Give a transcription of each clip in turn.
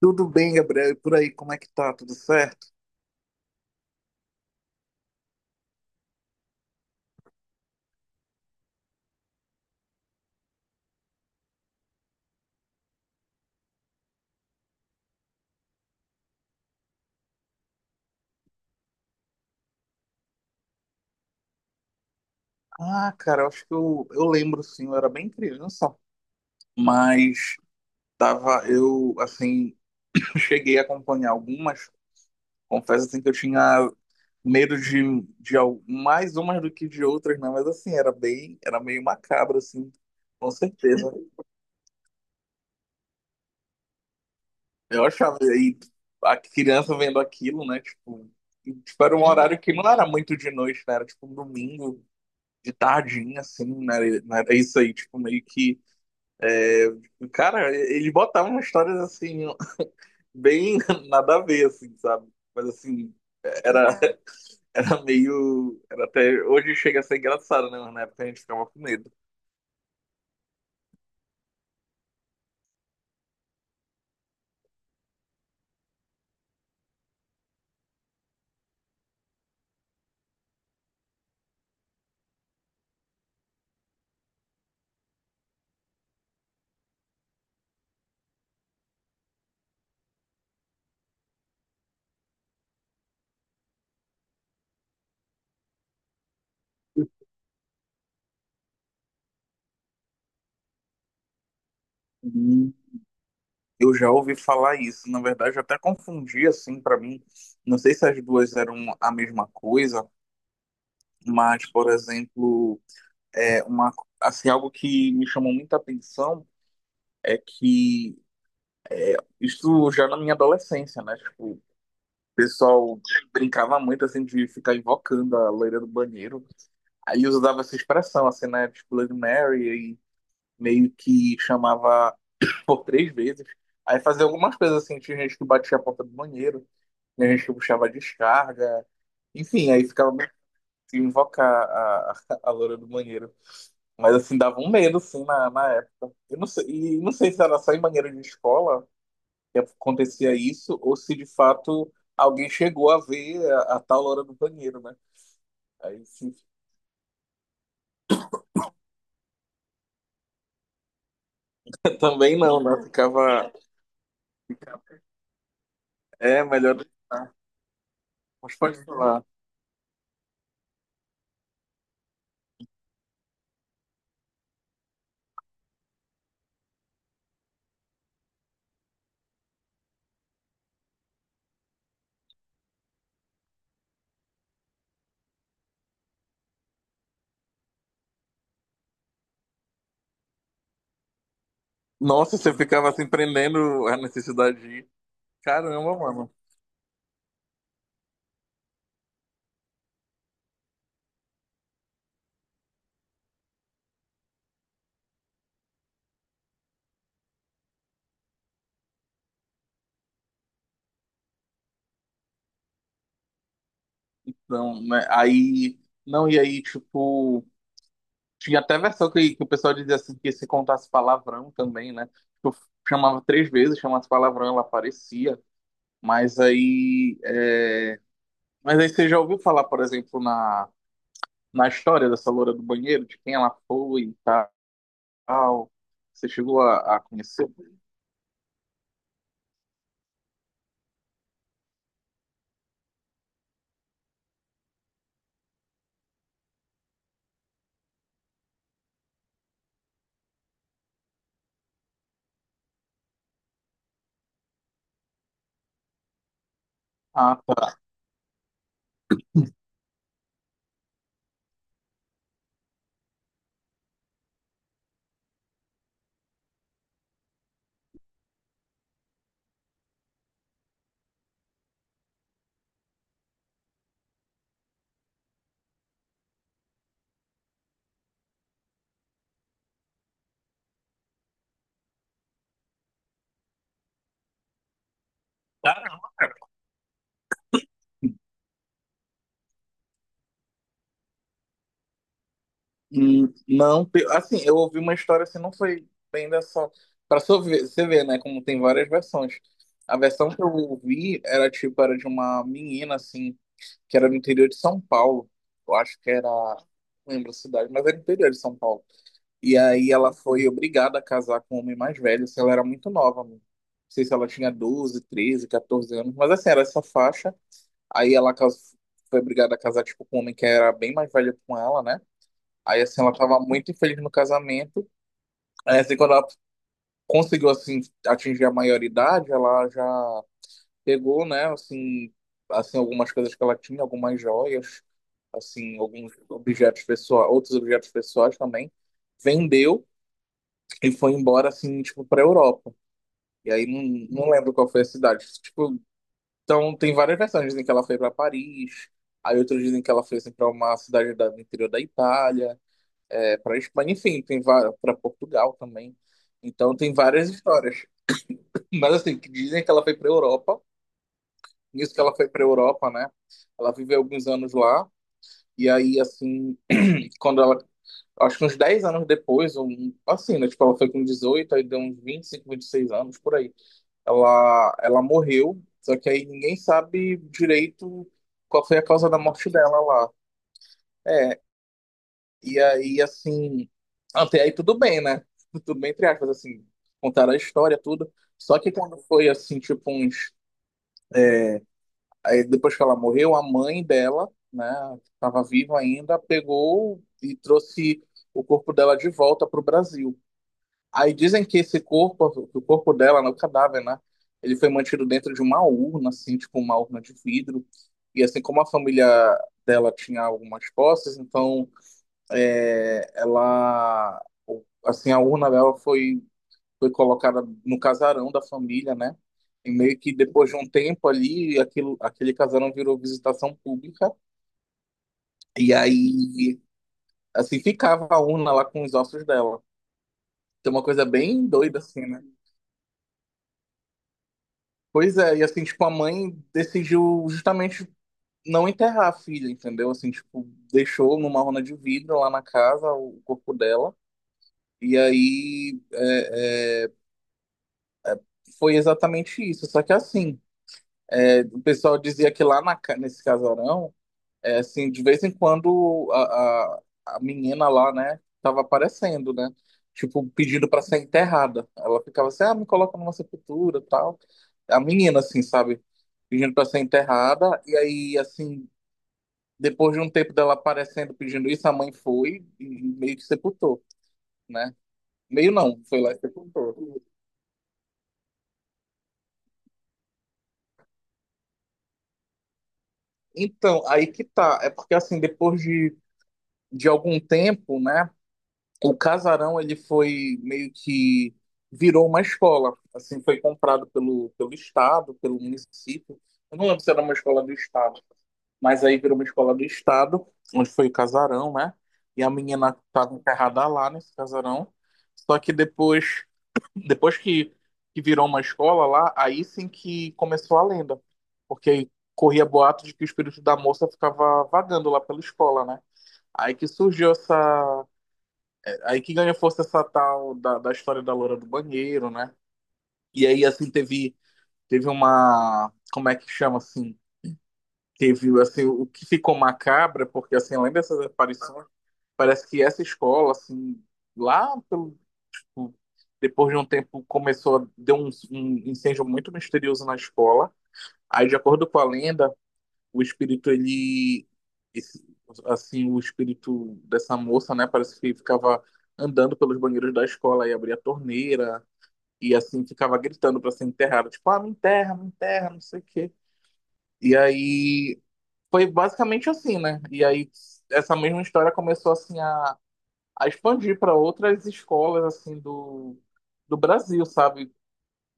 Tudo bem, Gabriel? E por aí, como é que tá? Tudo certo? Ah, cara, eu acho que eu lembro, sim, eu era bem criança, mas tava, eu, assim, cheguei a acompanhar algumas, confesso, assim, que eu tinha medo de mais umas do que de outras, né? Mas, assim, era bem, era meio macabro, assim, com certeza. Eu achava, aí, a criança vendo aquilo, né, tipo, e, tipo, era um horário que não era muito de noite, né? Era, tipo, um domingo, de tardinha, assim, né? Era isso aí, tipo, meio que. Cara, eles botavam histórias assim, bem nada a ver, assim, sabe? Mas assim, era, era meio. Era até. Hoje chega a ser engraçado, né? Mas na época a gente ficava com medo. Hum. Eu já ouvi falar isso. Na verdade, eu até confundi, assim, pra mim. Não sei se as duas eram a mesma coisa, mas, por exemplo, é uma, assim, algo que me chamou muita atenção é que isso já na minha adolescência, né? Tipo, o pessoal brincava muito, assim, de ficar invocando a loira do banheiro. Aí usava essa expressão, assim, né? Tipo, Bloody Mary, e meio que chamava por 3 vezes. Aí fazia algumas coisas, assim, tinha gente que batia a porta do banheiro, tinha gente que puxava a descarga. Enfim, aí ficava meio que invocar a loira do banheiro. Mas, assim, dava um medo, assim, na época. Eu não sei, e não sei se era só em banheiro de escola que acontecia isso ou se de fato alguém chegou a ver a tal hora do banheiro, né? Aí sim, também não, né? Ficava, ficava- é melhor deixar. Mas pode falar. Nossa, você ficava assim prendendo a necessidade de ir. Caramba, mano. Então, né? Aí, não, e aí, tipo, tinha até versão que o pessoal dizia assim que se contasse palavrão também, né? Tipo, chamava 3 vezes, chamasse palavrão, ela aparecia. Mas aí, é, mas aí você já ouviu falar, por exemplo, na, na história dessa loura do banheiro, de quem ela foi e tal? Você chegou a conhecer? Ah, tá. Caramba. Hum. Não, assim, eu ouvi uma história assim, não foi bem dessa. Pra só ver- você ver, né, como tem várias versões. A versão que eu ouvi era tipo, era de uma menina, assim, que era no interior de São Paulo. Eu acho que era. Não lembro a cidade, mas era interior de São Paulo. E aí ela foi obrigada a casar com um homem mais velho, se ela era muito nova, mano. Não sei se ela tinha 12 13 14 anos, mas assim, era essa faixa. Aí ela cas- Foi obrigada a casar, tipo, com um homem que era bem mais velho com ela, né? Aí assim, ela tava muito infeliz no casamento. Aí assim, quando ela conseguiu, assim, atingir a maioridade, ela já pegou, né, assim, assim, algumas coisas que ela tinha, algumas joias, assim, alguns objetos pessoais, outros objetos pessoais também. Vendeu e foi embora assim, tipo, pra Europa. E aí não, não lembro qual foi a cidade. Tipo, então tem várias versões. Dizem que ela foi pra Paris, aí outros dizem que ela foi assim, pra uma cidade da, do interior da Itália, é, pra Espanha, enfim, tem várias, pra Portugal também. Então tem várias histórias. Mas assim, que dizem que ela foi pra Europa. Nisso que ela foi pra Europa, né? Ela viveu alguns anos lá. E aí, assim, quando ela. Acho que uns 10 anos depois, um, assim, né? Tipo, ela foi com 18, aí deu uns 25, seis anos, por aí. Ela morreu, só que aí ninguém sabe direito qual foi a causa da morte dela lá. É, e aí, assim, até aí tudo bem, né? Tudo bem, entre aspas, assim, contaram a história, tudo. Só que quando foi, assim, tipo uns... Aí depois que ela morreu, a mãe dela, né, que tava viva ainda, pegou e trouxe o corpo dela de volta pro Brasil. Aí dizem que esse corpo, que o corpo dela, né, o cadáver, né? Ele foi mantido dentro de uma urna, assim, tipo uma urna de vidro. E assim como a família dela tinha algumas posses, então é, ela, o- assim, a urna dela foi colocada no casarão da família, né? E meio que depois de um tempo ali, aquilo, aquele casarão virou visitação pública. E aí, assim, ficava a urna lá com os ossos dela. Tem uma coisa bem doida, assim, né? Pois é, e assim, tipo, a mãe decidiu justamente não enterrar a filha, entendeu? Assim, tipo, deixou numa rona de vidro lá na casa o corpo dela. E aí é, é, foi exatamente isso. Só que assim, é, o pessoal dizia que lá nesse casarão, é, assim, de vez em quando a menina lá, né, tava aparecendo, né? Tipo, pedindo pra ser enterrada. Ela ficava assim, ah, me coloca numa sepultura, tal. A menina, assim, sabe? Pedindo pra ser enterrada. E aí, assim, depois de um tempo dela aparecendo pedindo isso, a mãe foi e meio que sepultou, né? Meio não, foi lá e sepultou. Então, aí que tá. É porque, assim, depois de algum tempo, né? O casarão, ele foi meio que virou uma escola. Assim, foi comprado pelo, pelo estado, pelo município. Eu não lembro se era uma escola do estado, mas aí virou uma escola do estado, onde foi o casarão, né? E a menina estava enterrada lá nesse casarão. Só que depois, depois que virou uma escola lá, aí sim que começou a lenda. Porque aí corria boato de que o espírito da moça ficava vagando lá pela escola, né? Aí que surgiu essa. Aí que ganha força essa tal da história da loura do banheiro, né? E aí, assim, teve uma. Como é que chama assim? Teve assim, o que ficou macabra, porque assim, além dessas aparições, parece que essa escola, assim, lá pelo. Tipo, depois de um tempo começou a deu um, um incêndio muito misterioso na escola. Aí, de acordo com a lenda, o espírito, ele. Esse- assim, o espírito dessa moça, né? Parece que ficava andando pelos banheiros da escola e abria a torneira e, assim, ficava gritando para ser enterrada. Tipo, ah, me enterra, não sei o quê. E aí. Foi basicamente assim, né? E aí, essa mesma história começou, assim, a expandir para outras escolas, assim, do Brasil, sabe?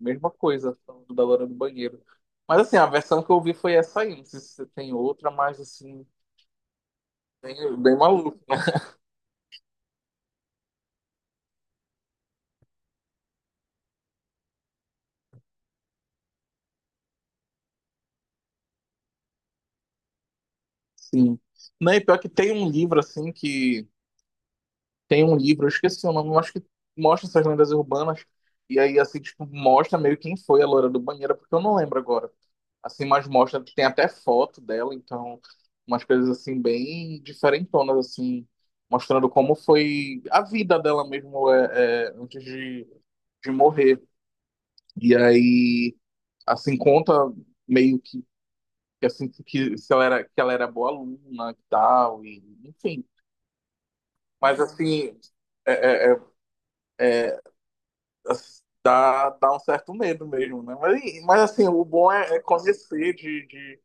Mesma coisa, falando da loira do banheiro. Mas assim, a versão que eu ouvi foi essa aí. Não sei se você tem outra, mas assim, bem maluco. Sim. Não, e pior que tem um livro, assim, que. Tem um livro, eu esqueci o nome, mas que mostra essas lendas urbanas. E aí, assim, tipo, mostra meio quem foi a loira do banheiro, porque eu não lembro agora. Assim, mas mostra, tem até foto dela, então, umas coisas, assim, bem diferentonas, assim, mostrando como foi a vida dela mesmo é, é, antes de morrer. E aí, assim, conta meio que eu sinto que se ela era, que ela era boa aluna e tal, e, enfim. Mas assim, é, é- é, as- dá, dá um certo medo mesmo, né? Mas, mas assim, o bom é, conhecer, de, de,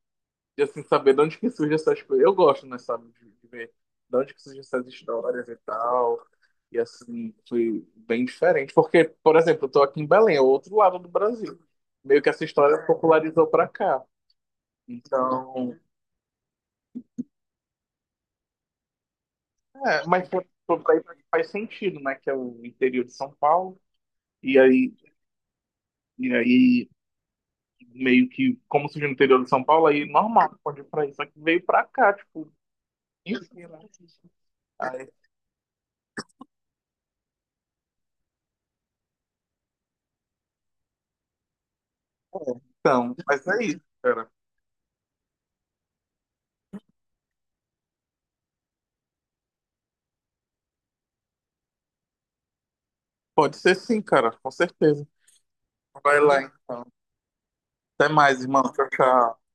de, assim, saber de onde que surgem essas coisas. Eu gosto, né, sabe, de ver de onde que surgem essas histórias e tal. E assim, foi bem diferente. Porque, por exemplo, eu tô aqui em Belém, é o outro lado do Brasil. Meio que essa história popularizou pra cá. Então. É, mas se for pra ir pra- faz sentido, né? Que é o interior de São Paulo. E aí, e aí meio que, como surgiu no interior de São Paulo, aí normal, pode ir pra isso. Só que veio pra cá, tipo, isso, né? Aí, é. Então, mas é isso, cara. Pode ser sim, cara, com certeza. Vai lá, então. Até mais, irmão. Tchau, tchau.